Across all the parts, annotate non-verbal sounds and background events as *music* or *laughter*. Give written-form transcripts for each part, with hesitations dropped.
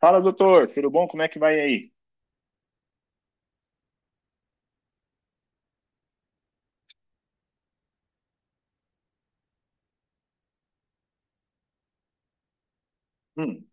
Fala, doutor, tudo bom? Como é que vai aí? Hum,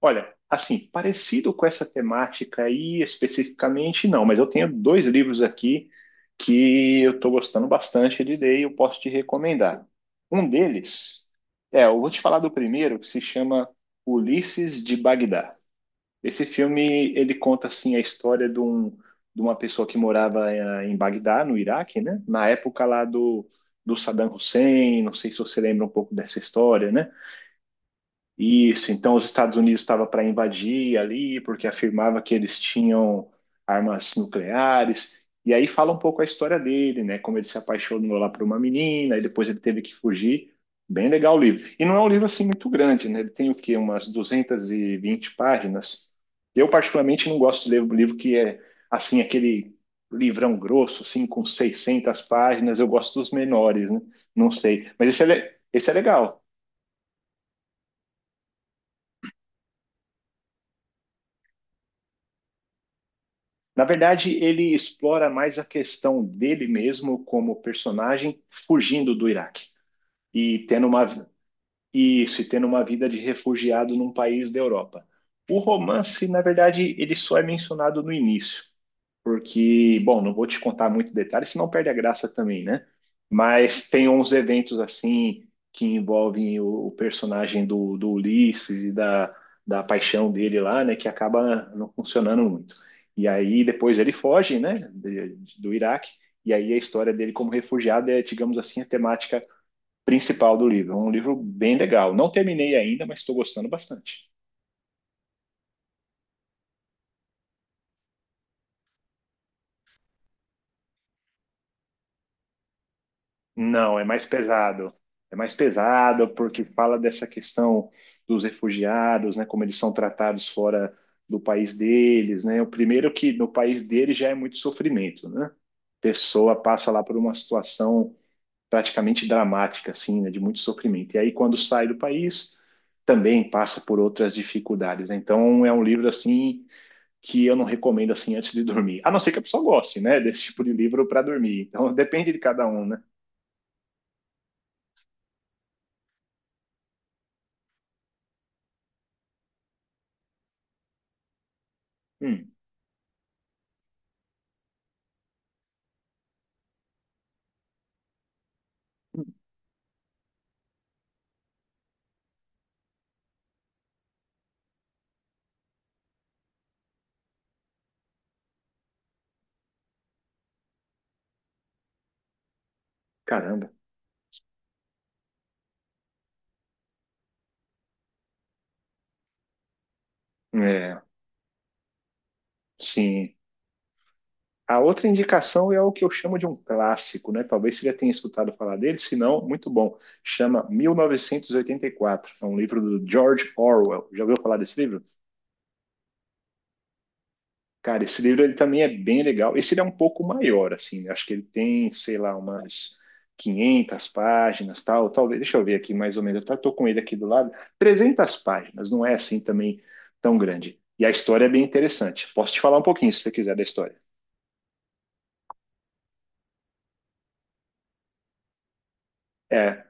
olha, assim, parecido com essa temática aí especificamente, não, mas eu tenho dois livros aqui que eu estou gostando bastante de ler e eu posso te recomendar. Um deles, eu vou te falar do primeiro, que se chama Ulisses de Bagdá. Esse filme, ele conta, assim, a história de, um, de uma pessoa que morava em Bagdá, no Iraque, né? Na época lá do Saddam Hussein, não sei se você lembra um pouco dessa história, né? Isso, então os Estados Unidos estavam para invadir ali, porque afirmava que eles tinham armas nucleares. E aí fala um pouco a história dele, né? Como ele se apaixonou lá por uma menina, e depois ele teve que fugir. Bem legal o livro. E não é um livro assim muito grande, né? Ele tem o quê? Umas 220 páginas. Eu, particularmente, não gosto de ler um livro que é assim, aquele livrão grosso, assim, com seiscentas páginas. Eu gosto dos menores, né? Não sei. Mas esse é, esse é legal. Na verdade, ele explora mais a questão dele mesmo como personagem fugindo do Iraque e tendo uma isso, e tendo uma vida de refugiado num país da Europa. O romance, na verdade, ele só é mencionado no início porque, bom, não vou te contar muito detalhe, senão perde a graça também, né? Mas tem uns eventos assim que envolvem o personagem do Ulisses e da paixão dele lá, né? Que acaba não funcionando muito. E aí depois ele foge, né? Do Iraque. E aí a história dele como refugiado é, digamos assim, a temática principal do livro. É um livro bem legal. Não terminei ainda, mas estou gostando bastante. Não, é mais pesado. É mais pesado porque fala dessa questão dos refugiados, né, como eles são tratados fora do país deles, né? O primeiro que no país deles já é muito sofrimento, né? Pessoa passa lá por uma situação praticamente dramática, assim, né, de muito sofrimento. E aí quando sai do país, também passa por outras dificuldades. Então é um livro assim que eu não recomendo assim antes de dormir. A não ser que a pessoa goste, né, desse tipo de livro para dormir. Então *laughs* depende de cada um, né? Hum. Caramba. É, sim. A outra indicação é o que eu chamo de um clássico, né? Talvez você já tenha escutado falar dele, se não, muito bom. Chama 1984. É um livro do George Orwell. Já ouviu falar desse livro? Cara, esse livro ele também é bem legal. Esse ele é um pouco maior, assim. Né? Acho que ele tem, sei lá, umas 500 páginas, tal. Talvez, deixa eu ver aqui mais ou menos. Tô com ele aqui do lado. 300 páginas. Não é assim também tão grande. E a história é bem interessante. Posso te falar um pouquinho, se você quiser, da história. É,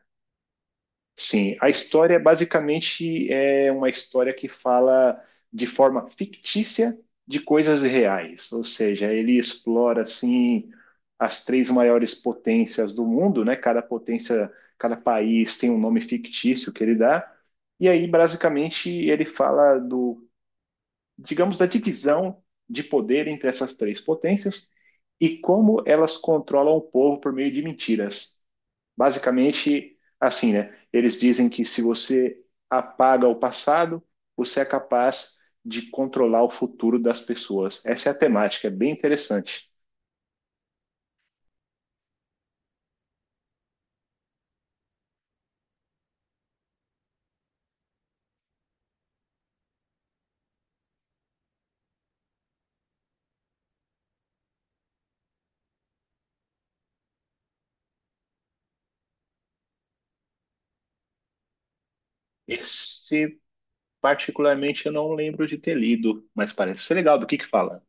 sim, a história basicamente é uma história que fala de forma fictícia de coisas reais, ou seja, ele explora assim as três maiores potências do mundo, né? Cada potência, cada país tem um nome fictício que ele dá, e aí basicamente ele fala do, digamos, da divisão de poder entre essas três potências e como elas controlam o povo por meio de mentiras. Basicamente, assim, né? Eles dizem que se você apaga o passado, você é capaz de controlar o futuro das pessoas. Essa é a temática, é bem interessante. Esse, particularmente, eu não lembro de ter lido, mas parece ser legal. Do que fala?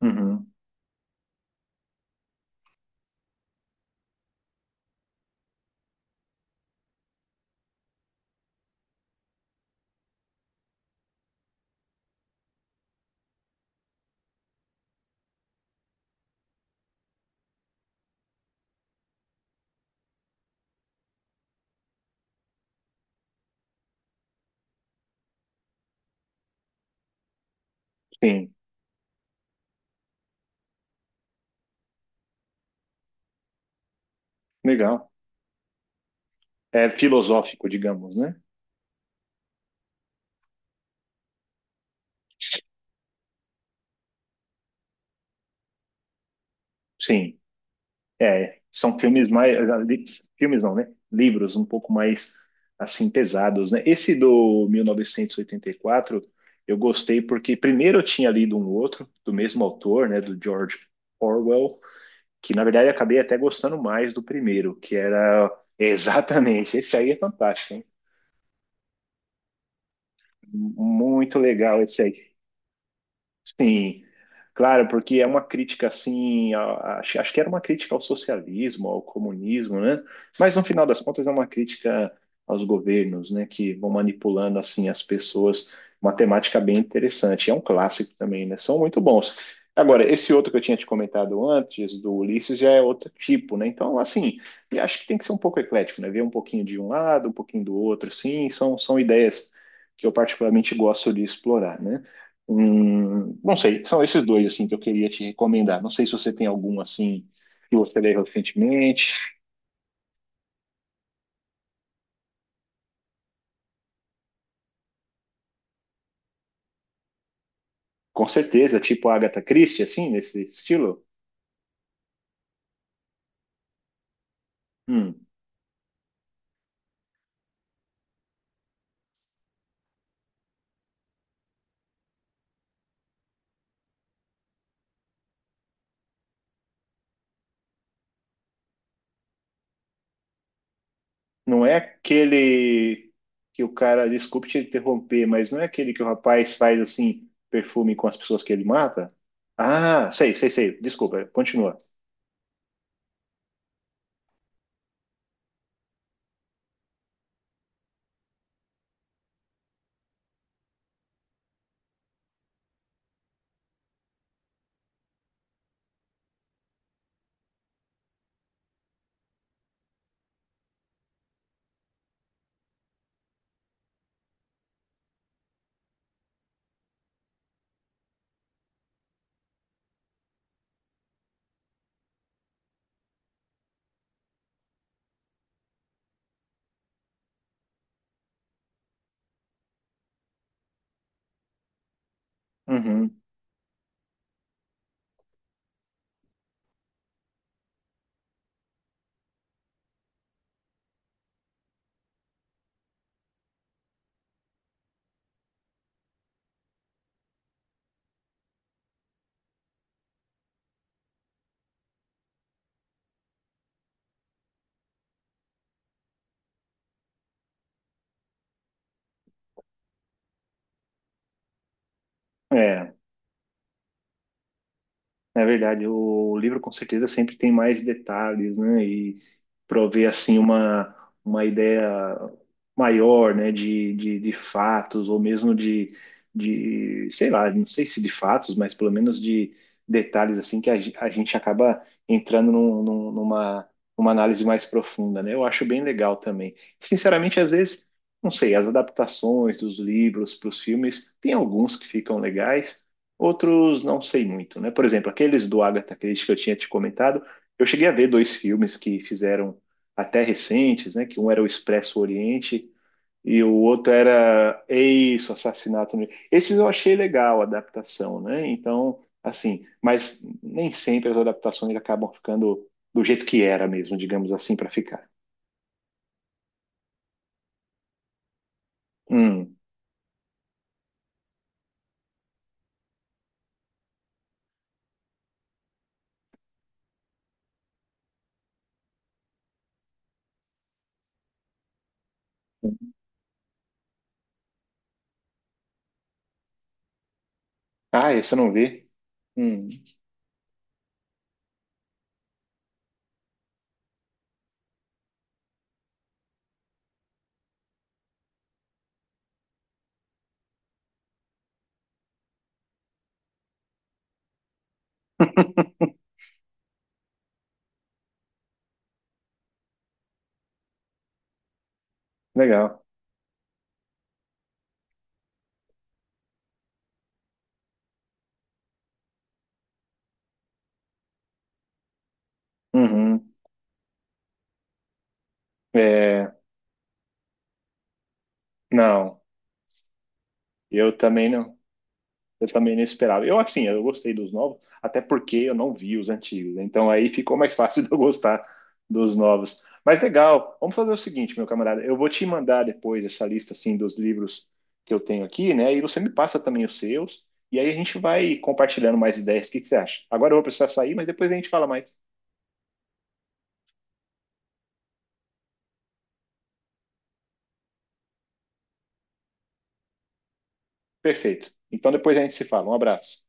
Uhum. Sim, legal. É filosófico, digamos, né? Sim. É, são filmes mais. li- Filmes não, né? Livros um pouco mais assim pesados, né? Esse do mil novecentos e oitenta e quatro, eu gostei porque primeiro eu tinha lido um outro do mesmo autor, né? Do George Orwell, que na verdade eu acabei até gostando mais do primeiro, que era *laughs* exatamente esse aí é fantástico, hein? Muito legal esse aí. Sim, claro, porque é uma crítica assim, acho, acho que era uma crítica ao socialismo, ao comunismo, né? Mas no final das contas é uma crítica aos governos, né, que vão manipulando assim as pessoas, uma temática bem interessante. É um clássico também, né? São muito bons. Agora, esse outro que eu tinha te comentado antes, do Ulisses, já é outro tipo, né? Então, assim, eu acho que tem que ser um pouco eclético, né? Ver um pouquinho de um lado, um pouquinho do outro, assim, são ideias que eu particularmente gosto de explorar, né? Não sei, são esses dois assim que eu queria te recomendar. Não sei se você tem algum assim que você leu recentemente. Com certeza, tipo Agatha Christie, assim, nesse estilo. Hum, não é aquele que o cara, desculpe te interromper, mas não é aquele que o rapaz faz assim perfume com as pessoas que ele mata? Ah, sei, sei, sei. Desculpa, continua. Uhum, é. É verdade, o livro com certeza sempre tem mais detalhes, né? E prover assim uma ideia maior, né? De fatos ou mesmo de, sei lá, não sei se de fatos, mas pelo menos de detalhes assim que a gente acaba entrando numa, numa análise mais profunda, né? Eu acho bem legal também. Sinceramente, às vezes, não sei, as adaptações dos livros para os filmes, tem alguns que ficam legais. Outros não sei muito, né? Por exemplo, aqueles do Agatha Christie que eu tinha te comentado, eu cheguei a ver dois filmes que fizeram até recentes, né? Que um era o Expresso Oriente e o outro era Eis, o Assassinato no... Esses eu achei legal a adaptação, né? Então, assim, mas nem sempre as adaptações acabam ficando do jeito que era mesmo, digamos assim, para ficar. Hum. Ah, esse eu não vi. Hum. *laughs* Legal. Uhum. É, não, eu também não. Eu também não esperava. Eu, assim, eu gostei dos novos, até porque eu não vi os antigos. Né? Então aí ficou mais fácil *laughs* de eu gostar dos novos. Mas legal, vamos fazer o seguinte, meu camarada. Eu vou te mandar depois essa lista, assim, dos livros que eu tenho aqui, né? E você me passa também os seus. E aí a gente vai compartilhando mais ideias. O que que você acha? Agora eu vou precisar sair, mas depois a gente fala mais. Perfeito. Então depois a gente se fala. Um abraço.